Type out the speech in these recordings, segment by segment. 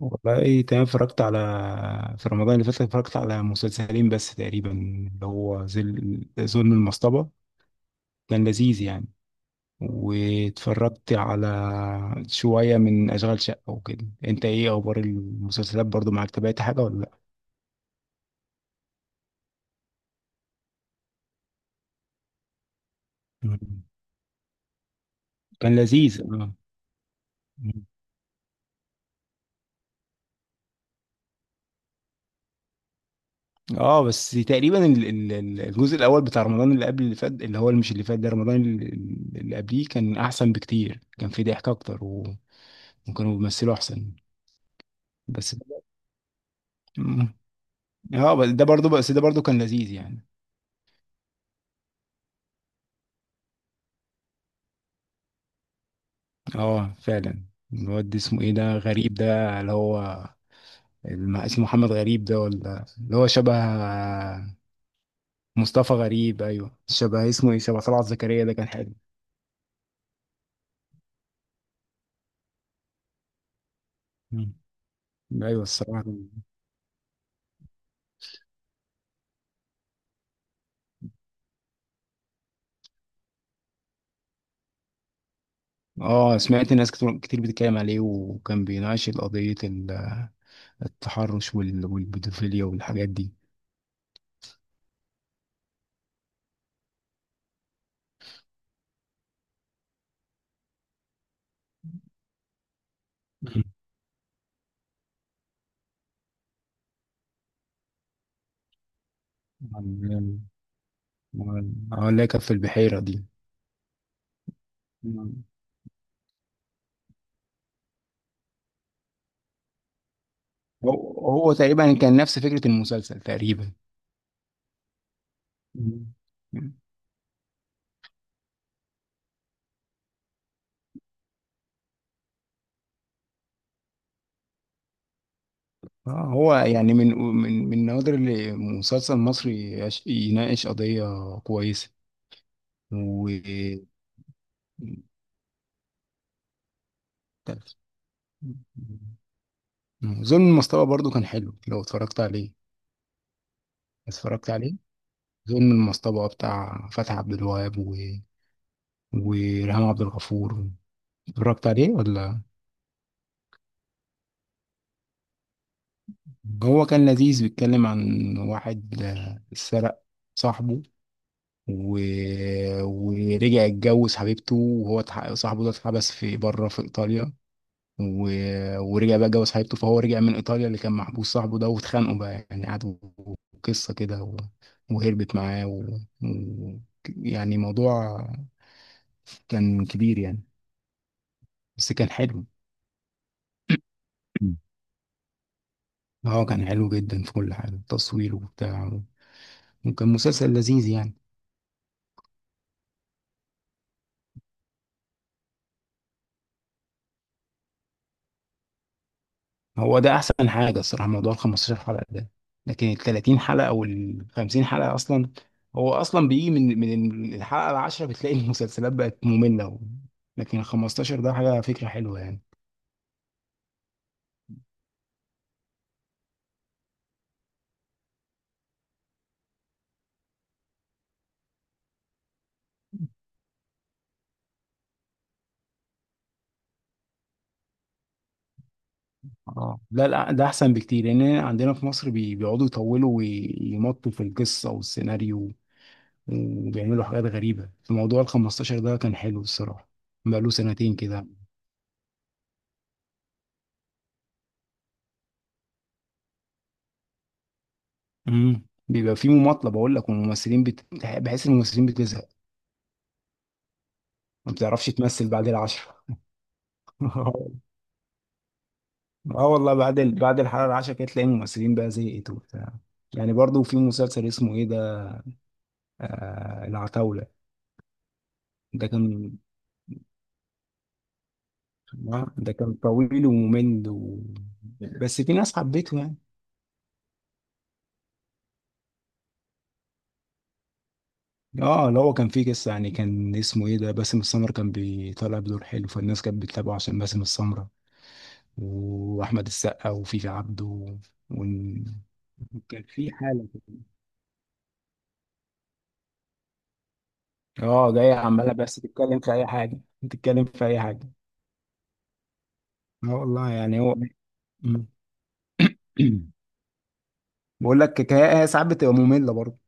والله ايه تمام. اتفرجت على في رمضان اللي فات اتفرجت على مسلسلين بس تقريبا، اللي هو ظلم المصطبة، كان لذيذ يعني. واتفرجت على شوية من أشغال شقة وكده. انت ايه اخبار المسلسلات؟ برضو معاك، تابعت حاجة ولا لا؟ مم. كان لذيذ اه. مم. اه بس تقريبا الجزء الاول بتاع رمضان اللي قبل اللي فات، اللي هو مش اللي فات ده، رمضان اللي قبليه، كان احسن بكتير، كان فيه ضحك اكتر و... وكانوا بيمثلوا احسن بس. اه بس ده برضو، كان لذيذ يعني. اه فعلا. الواد ده اسمه ايه ده، غريب ده اللي هو اسمه محمد غريب ده، ولا اللي هو شبه مصطفى غريب؟ ايوه، شبه اسمه ايه، شبه طلعت زكريا. ده كان حلو. مم. ايوه الصراحه. اه سمعت ناس كتير كتير بتتكلم عليه، وكان بيناقش قضيه التحرش والبيدوفيليا والحاجات دي. مم. عن- اللي هي كانت في البحيره دي. مم. هو هو تقريبا كان نفس فكره المسلسل تقريبا. مم. آه، هو يعني من النوادر اللي مسلسل مصري يناقش قضية كويسة. و... ظلم المصطبة برضو كان حلو لو اتفرجت عليه. اتفرجت عليه؟ ظلم المصطبة بتاع فتحي عبد الوهاب و... وريهام عبد الغفور. اتفرجت عليه ولا؟ هو كان لذيذ، بيتكلم عن واحد آه، سرق صاحبه و... ورجع اتجوز حبيبته، وهو صاحبه ده اتحبس في بره في ايطاليا و... ورجع بقى اتجوز حبيبته، فهو رجع من ايطاليا اللي كان محبوس صاحبه ده، واتخانقوا بقى يعني، قعدوا قصه كده و... وهربت معاه و... و... يعني موضوع كان كبير يعني، بس كان حلو. مم. اه كان حلو جدا في كل حاجه، التصوير وبتاع، وكان مسلسل لذيذ يعني. هو ده احسن حاجه الصراحه، موضوع ال 15 حلقه ده، لكن ال 30 حلقه وال 50 حلقه اصلا، هو اصلا بيجي من الحلقه العاشره بتلاقي المسلسلات بقت ممله و... لكن ال 15 ده حاجه، فكره حلوه يعني. اه لا لا، ده احسن بكتير، لان عندنا في مصر بيقعدوا يطولوا ويمطوا في القصه والسيناريو، وبيعملوا حاجات غريبه. في موضوع ال 15 ده كان حلو الصراحه، بقاله سنتين كده. بيبقى فيه مماطله بقول لك، والممثلين بحس إن الممثلين بتزهق، ما بتعرفش تمثل بعد العشرة. اه والله بعد الحلقة العشرة كده تلاقي الممثلين بقى زهقت وبتاع. يعني برضو في مسلسل اسمه ايه ده، آه العتاولة، ده كان آه، ده كان طويل وممل و... بس في ناس حبيته يعني. اه اللي هو كان فيه قصة يعني، كان اسمه ايه ده، باسم السمرة، كان بيطلع بدور حلو، فالناس كانت بتتابعه عشان باسم السمرة واحمد السقا وفيفي عبده و... وكان في حالة كده. اه جاية عمالة بس تتكلم في اي حاجة، تتكلم في اي حاجة. اه والله يعني هو. مم. بقول لك كفايه، هي ساعات بتبقى ممله برضه.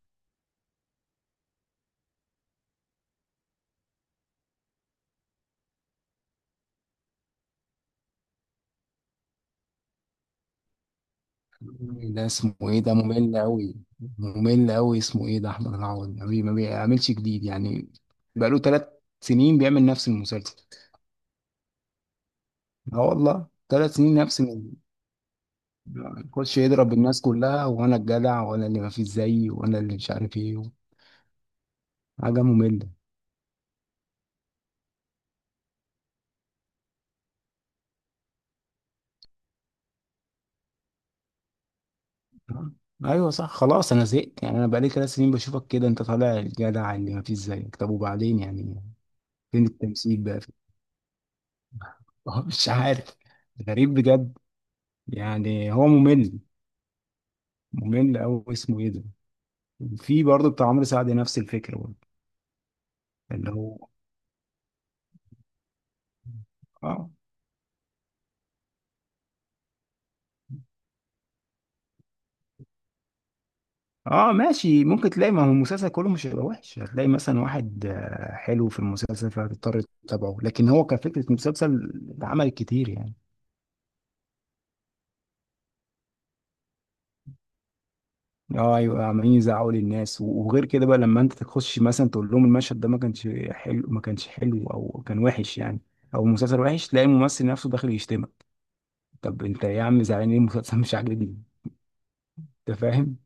ده اسمه ايه ده، ممل قوي، ممل قوي اسمه ايه ده، احمد العوضي، ما بيعملش جديد يعني. بقاله ثلاث سنين بيعمل نفس المسلسل. اه والله 3 سنين نفس يخش يضرب الناس كلها، وانا الجدع، وانا اللي ما فيش زيي، وانا اللي مش عارف ايه. حاجه ممله. اه. ايوه صح، خلاص انا زهقت يعني. انا بقالي 3 سنين بشوفك كده، انت طالع الجدع اللي ما فيش زيك، طب وبعدين يعني، فين التمثيل بقى؟ هو مش عارف. غريب بجد. يعني هو ممل، ممل أوي، اسمه ايه ده. في برضه بتاع عمرو سعد، نفس الفكرة برضه، اللي هو اه. اه ماشي، ممكن تلاقي، ما هو المسلسل كله مش هيبقى وحش، هتلاقي مثلا واحد آه، حلو في المسلسل فهتضطر تتابعه، لكن هو كفكرة مسلسل اتعمل كتير يعني. اه ايوه عمالين يزعقوا للناس، وغير كده بقى، لما انت تخش مثلا تقول لهم المشهد ده ما كانش حلو، ما كانش حلو او كان وحش يعني، او المسلسل وحش، تلاقي الممثل نفسه داخل يشتمك. طب انت إيه يا عم، زعلان ليه؟ المسلسل مش عاجبني. انت فاهم؟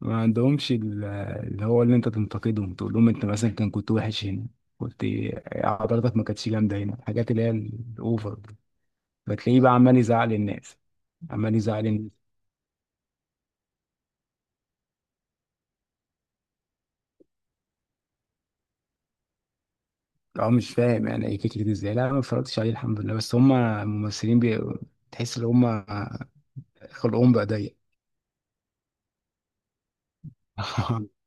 ما عندهمش اللي هو، اللي انت تنتقدهم، تقول لهم انت مثلا كان كنت وحش هنا، كنت حضرتك ما كانتش جامده هنا الحاجات اللي هي الاوفر دي. فتلاقيه بقى عمال يزعل الناس، عمال يزعل الناس. اه مش فاهم يعني ايه فكره ازاي، لا أنا ما اتفرجتش عليه الحمد لله، بس هم الممثلين تحس ان هم خلقهم بقى ضيق.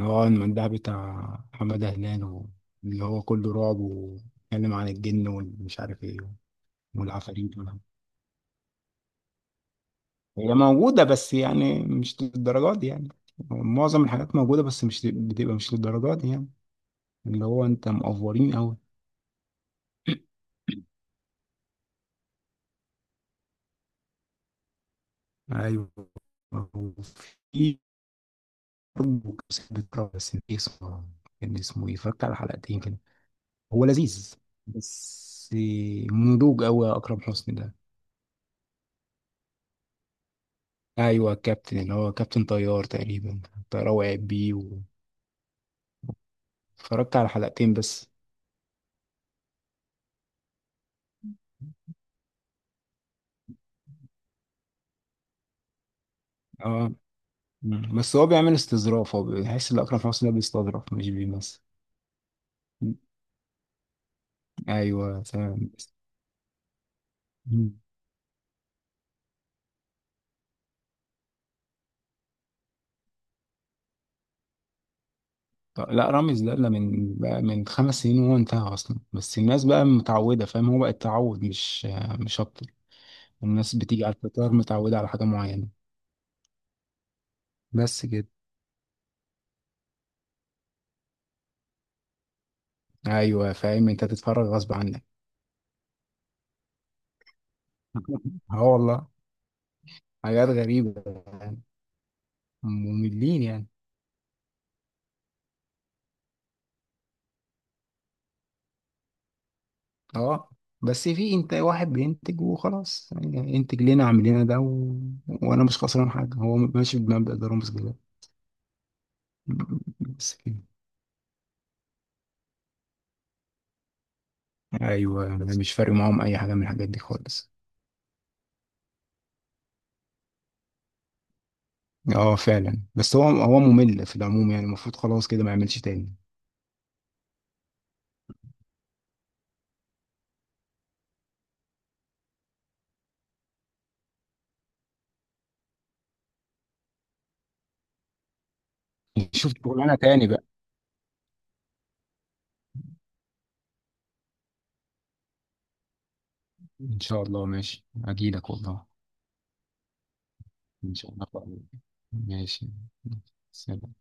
هو المندهب بتاع محمد هلال اللي هو كله رعب، واتكلم عن الجن ومش عارف ايه والعفاريت والهم. هي موجودة بس يعني مش للدرجات دي يعني، معظم الحاجات موجودة بس مش بتبقى مش للدرجات دي يعني، اللي هو انت مقفورين قوي. ايوه. في برضه كان بيتكرر، بس نسيت اسمه. كان اسمه ايه، اتفرجت على حلقتين كده، هو لذيذ، بس نضوج قوي يا اكرم حسني ده. ايوه كابتن، اللي هو كابتن طيار تقريبا، طيار وقع بيه اتفرجت على حلقتين بس. اه. مم. بس هو بيعمل استظراف، هو بيحس ان اكرم حسني ده بيستظرف مش بيمثل. مم. ايوه تمام. مم. طب لا، رامز ده لا، من بقى من 5 سنين وهو انتهى اصلا، بس الناس بقى متعوده فاهم، هو بقى التعود مش اكتر. الناس بتيجي على الفطار متعوده على حاجه معينه، بس كده. ايوه فاهم، انت تتفرج غصب عنك. اه والله، حاجات غريبه يعني، مملين يعني. اه بس في انت واحد بينتج وخلاص يعني، انتج لنا اعمل لنا ده و... وانا مش خسران حاجه، هو ماشي بمبدأ ضروري كده، بس كده. ايوه أنا مش فارق معاهم اي حاجه من الحاجات دي خالص. اه فعلا، بس هو هو ممل في العموم يعني، المفروض خلاص كده ما يعملش تاني. نشوف شغلانه تاني بقى. ان شاء الله ماشي، اجيلك والله. ان شاء الله. ماشي. سلام.